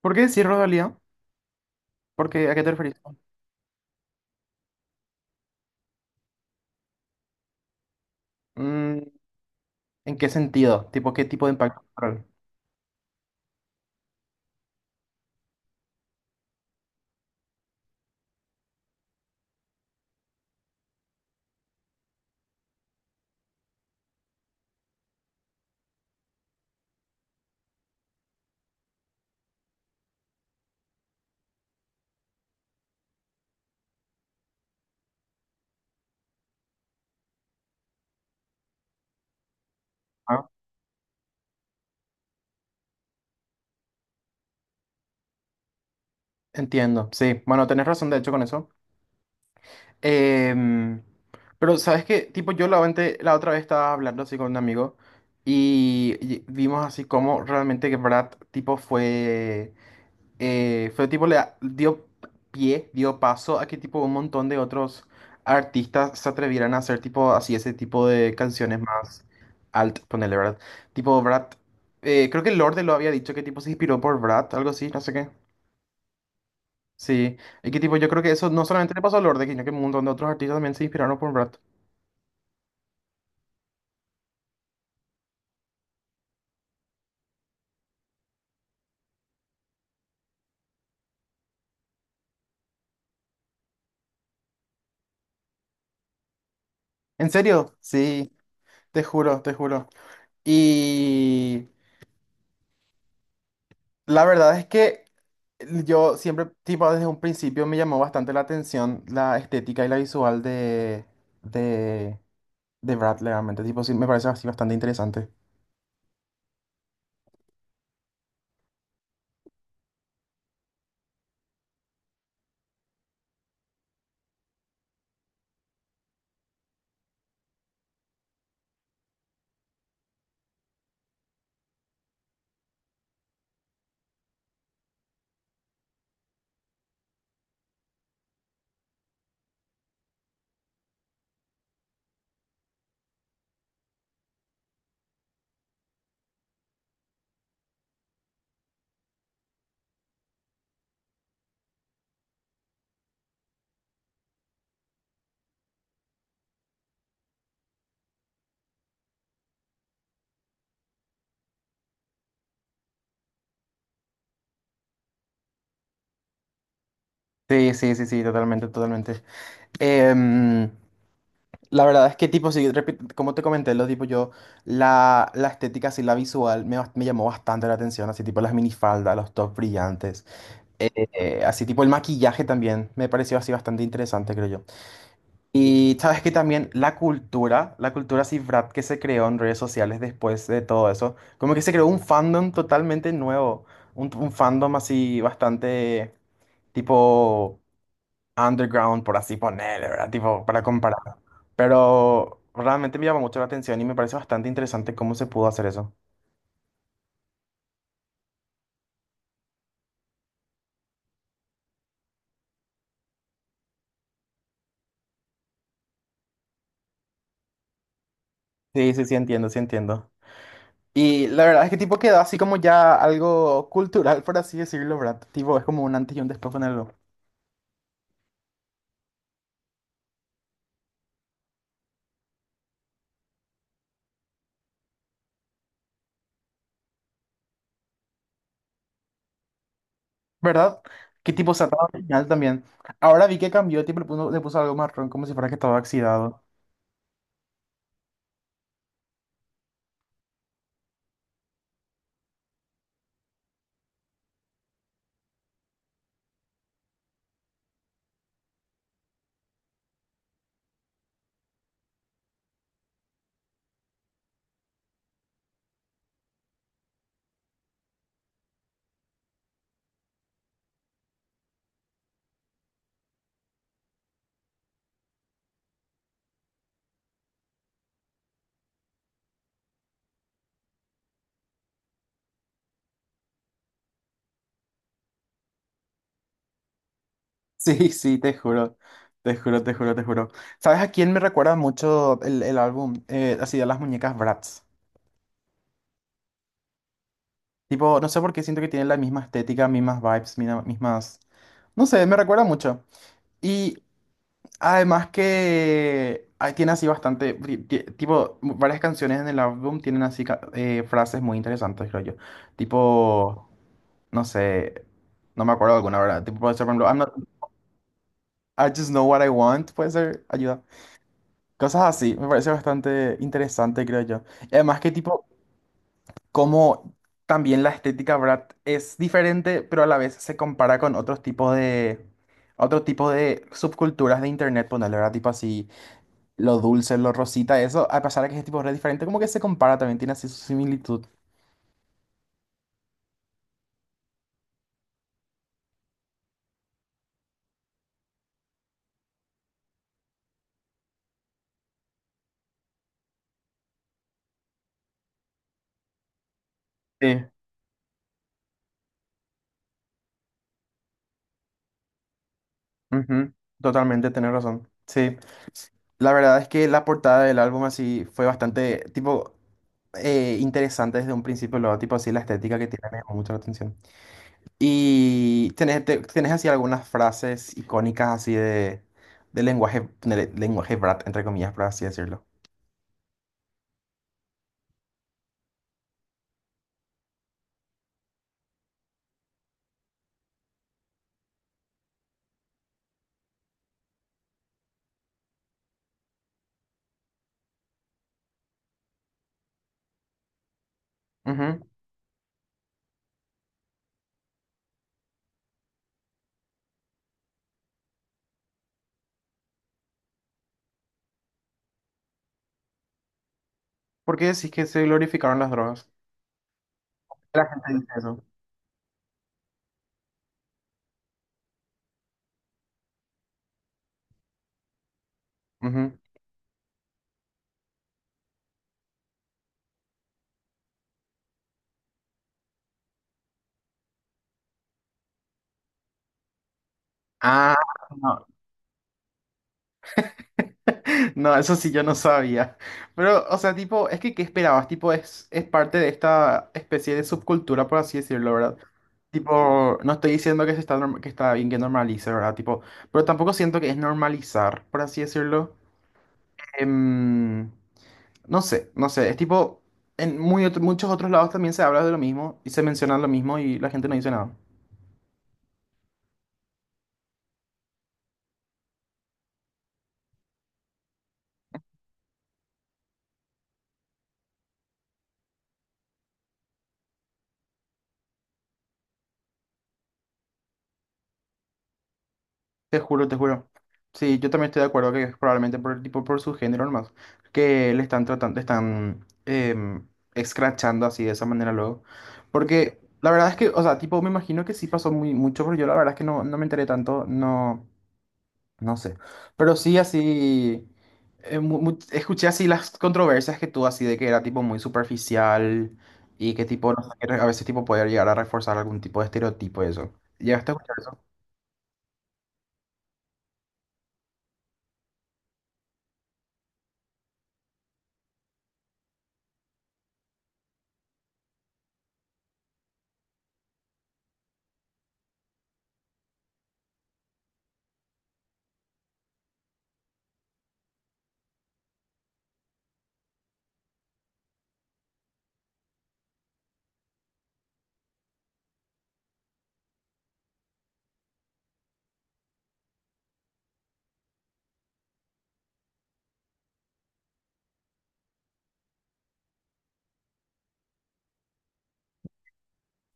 ¿Por qué decir Rodalía? Porque, ¿a qué te referís? Mm, ¿en qué sentido? ¿Tipo qué tipo de impacto cultural? Ah, entiendo, sí. Bueno, tenés razón de hecho con eso. Em, pero sabes que, tipo, la otra vez estaba hablando así con un amigo y vimos así como realmente que Brad, tipo, fue tipo le dio pie, dio paso a que tipo un montón de otros artistas se atrevieran a hacer tipo así ese tipo de canciones más alt, ponele, ¿verdad? Tipo Brat, creo que Lorde lo había dicho que tipo se inspiró por Brat, algo así, no sé qué. Sí, y que tipo yo creo que eso no solamente le pasó a Lorde, sino que un montón de otros artistas también se inspiraron por Brat. ¿En serio? Sí, te juro, te juro. Y la verdad es que yo siempre, tipo, desde un principio me llamó bastante la atención la estética y la visual de, de Brad, realmente. Tipo, sí, me parece así bastante interesante. Sí, sí, sí, sí, totalmente, totalmente. Em, la verdad es que, tipo, sí, como te comenté, lo tipo, yo, la estética, así, la visual, me llamó bastante la atención, así, tipo, las minifaldas, los tops brillantes, así, tipo, el maquillaje también, me pareció así bastante interesante, creo yo. Y sabes que también la cultura cifrat que se creó en redes sociales después de todo eso, como que se creó un fandom totalmente nuevo, un fandom así bastante tipo underground, por así ponerle, ¿verdad? Tipo, para comparar. Pero realmente me llama mucho la atención y me parece bastante interesante cómo se pudo hacer eso. Sí, sí, sí, entiendo, sí, entiendo. Y la verdad es que tipo quedó así como ya algo cultural, por así decirlo, ¿verdad? Tipo, es como un antes y un después con algo. ¿Verdad? ¿Qué tipo se ataba también? Ahora vi que cambió, tipo, le puso algo marrón como si fuera que estaba oxidado. Sí, sí, te juro. Te juro, te juro, te juro. ¿Sabes a quién me recuerda mucho el álbum? Así de las muñecas Bratz. Tipo, no sé por qué siento que tiene la misma estética, mismas vibes, mismas... No sé, me recuerda mucho. Y además que ah, tiene así bastante... Tipo, varias canciones en el álbum tienen así frases muy interesantes, creo yo. Tipo... no sé, no me acuerdo alguna, ¿verdad? Tipo, puede ser, por ejemplo, I'm not- I just know what I want, puede ser, ayuda. Cosas así, me parece bastante interesante, creo yo. Y además que tipo, como también la estética, ¿verdad? Es diferente, pero a la vez se compara con otros tipos otro tipo de subculturas de internet, ponerle, ¿verdad? Tipo así, lo dulce, lo rosita, eso, a pesar de que es tipo re diferente, como que se compara, también tiene así su similitud. Sí, ujú, totalmente, tenés razón. Sí. La verdad es que la portada del álbum así fue bastante, tipo, interesante desde un principio, luego, tipo, así la estética que tiene me llamó mucho la atención. Y tenés así algunas frases icónicas así de lenguaje brat, entre comillas, por así decirlo. Ujú. ¿Por qué decís que se glorificaron las drogas? La gente dice eso. Ujú. Ah, no. No, eso sí yo no sabía. Pero, o sea, tipo, es que ¿qué esperabas? Tipo, es parte de esta especie de subcultura, por así decirlo, ¿verdad? Tipo, no estoy diciendo que se está, que está bien que normalice, ¿verdad? Tipo, pero tampoco siento que es normalizar, por así decirlo. Em, no sé, no sé. Es tipo, en muchos otros lados también se habla de lo mismo y se menciona lo mismo y la gente no dice nada. Te juro, te juro. Sí, yo también estoy de acuerdo que es probablemente por el tipo, por su género nomás, que le están tratando, escrachando así de esa manera luego. Porque la verdad es que, o sea, tipo, me imagino que sí pasó muy mucho, pero yo la verdad es que no, no me enteré tanto, no, no sé. Pero sí así, escuché así las controversias que tú así de que era tipo muy superficial y que tipo, no sé, que a veces tipo poder llegar a reforzar algún tipo de estereotipo y eso. ¿Ya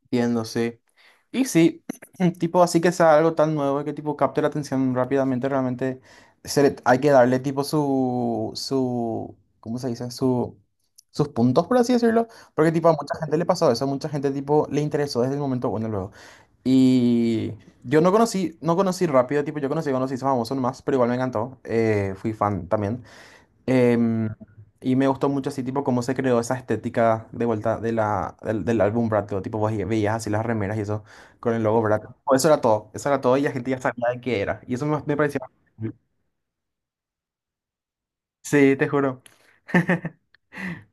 Entiendo, sí. Y sí, tipo, así que sea algo tan nuevo que tipo capte la atención rápidamente, realmente hay que darle tipo su, ¿cómo se dice? Su, sus puntos, por así decirlo, porque tipo a mucha gente le pasó eso, a mucha gente tipo le interesó desde el momento bueno luego. Y yo no conocí rápido, tipo, conocí famoso nomás, pero igual me encantó, fui fan también. Em, y me gustó mucho así, tipo, cómo se creó esa estética de vuelta de del álbum Brad, Pitt, tipo, vos veías así las remeras y eso con el logo Brad. Pitt. Pues eso era todo, eso era todo y la gente ya sabía de qué era. Me pareció... Sí, te juro.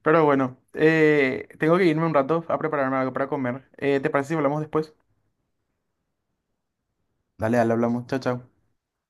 Pero bueno, tengo que irme un rato a prepararme algo para comer. ¿Te parece si hablamos después? Dale, dale, hablamos. Chao, chao.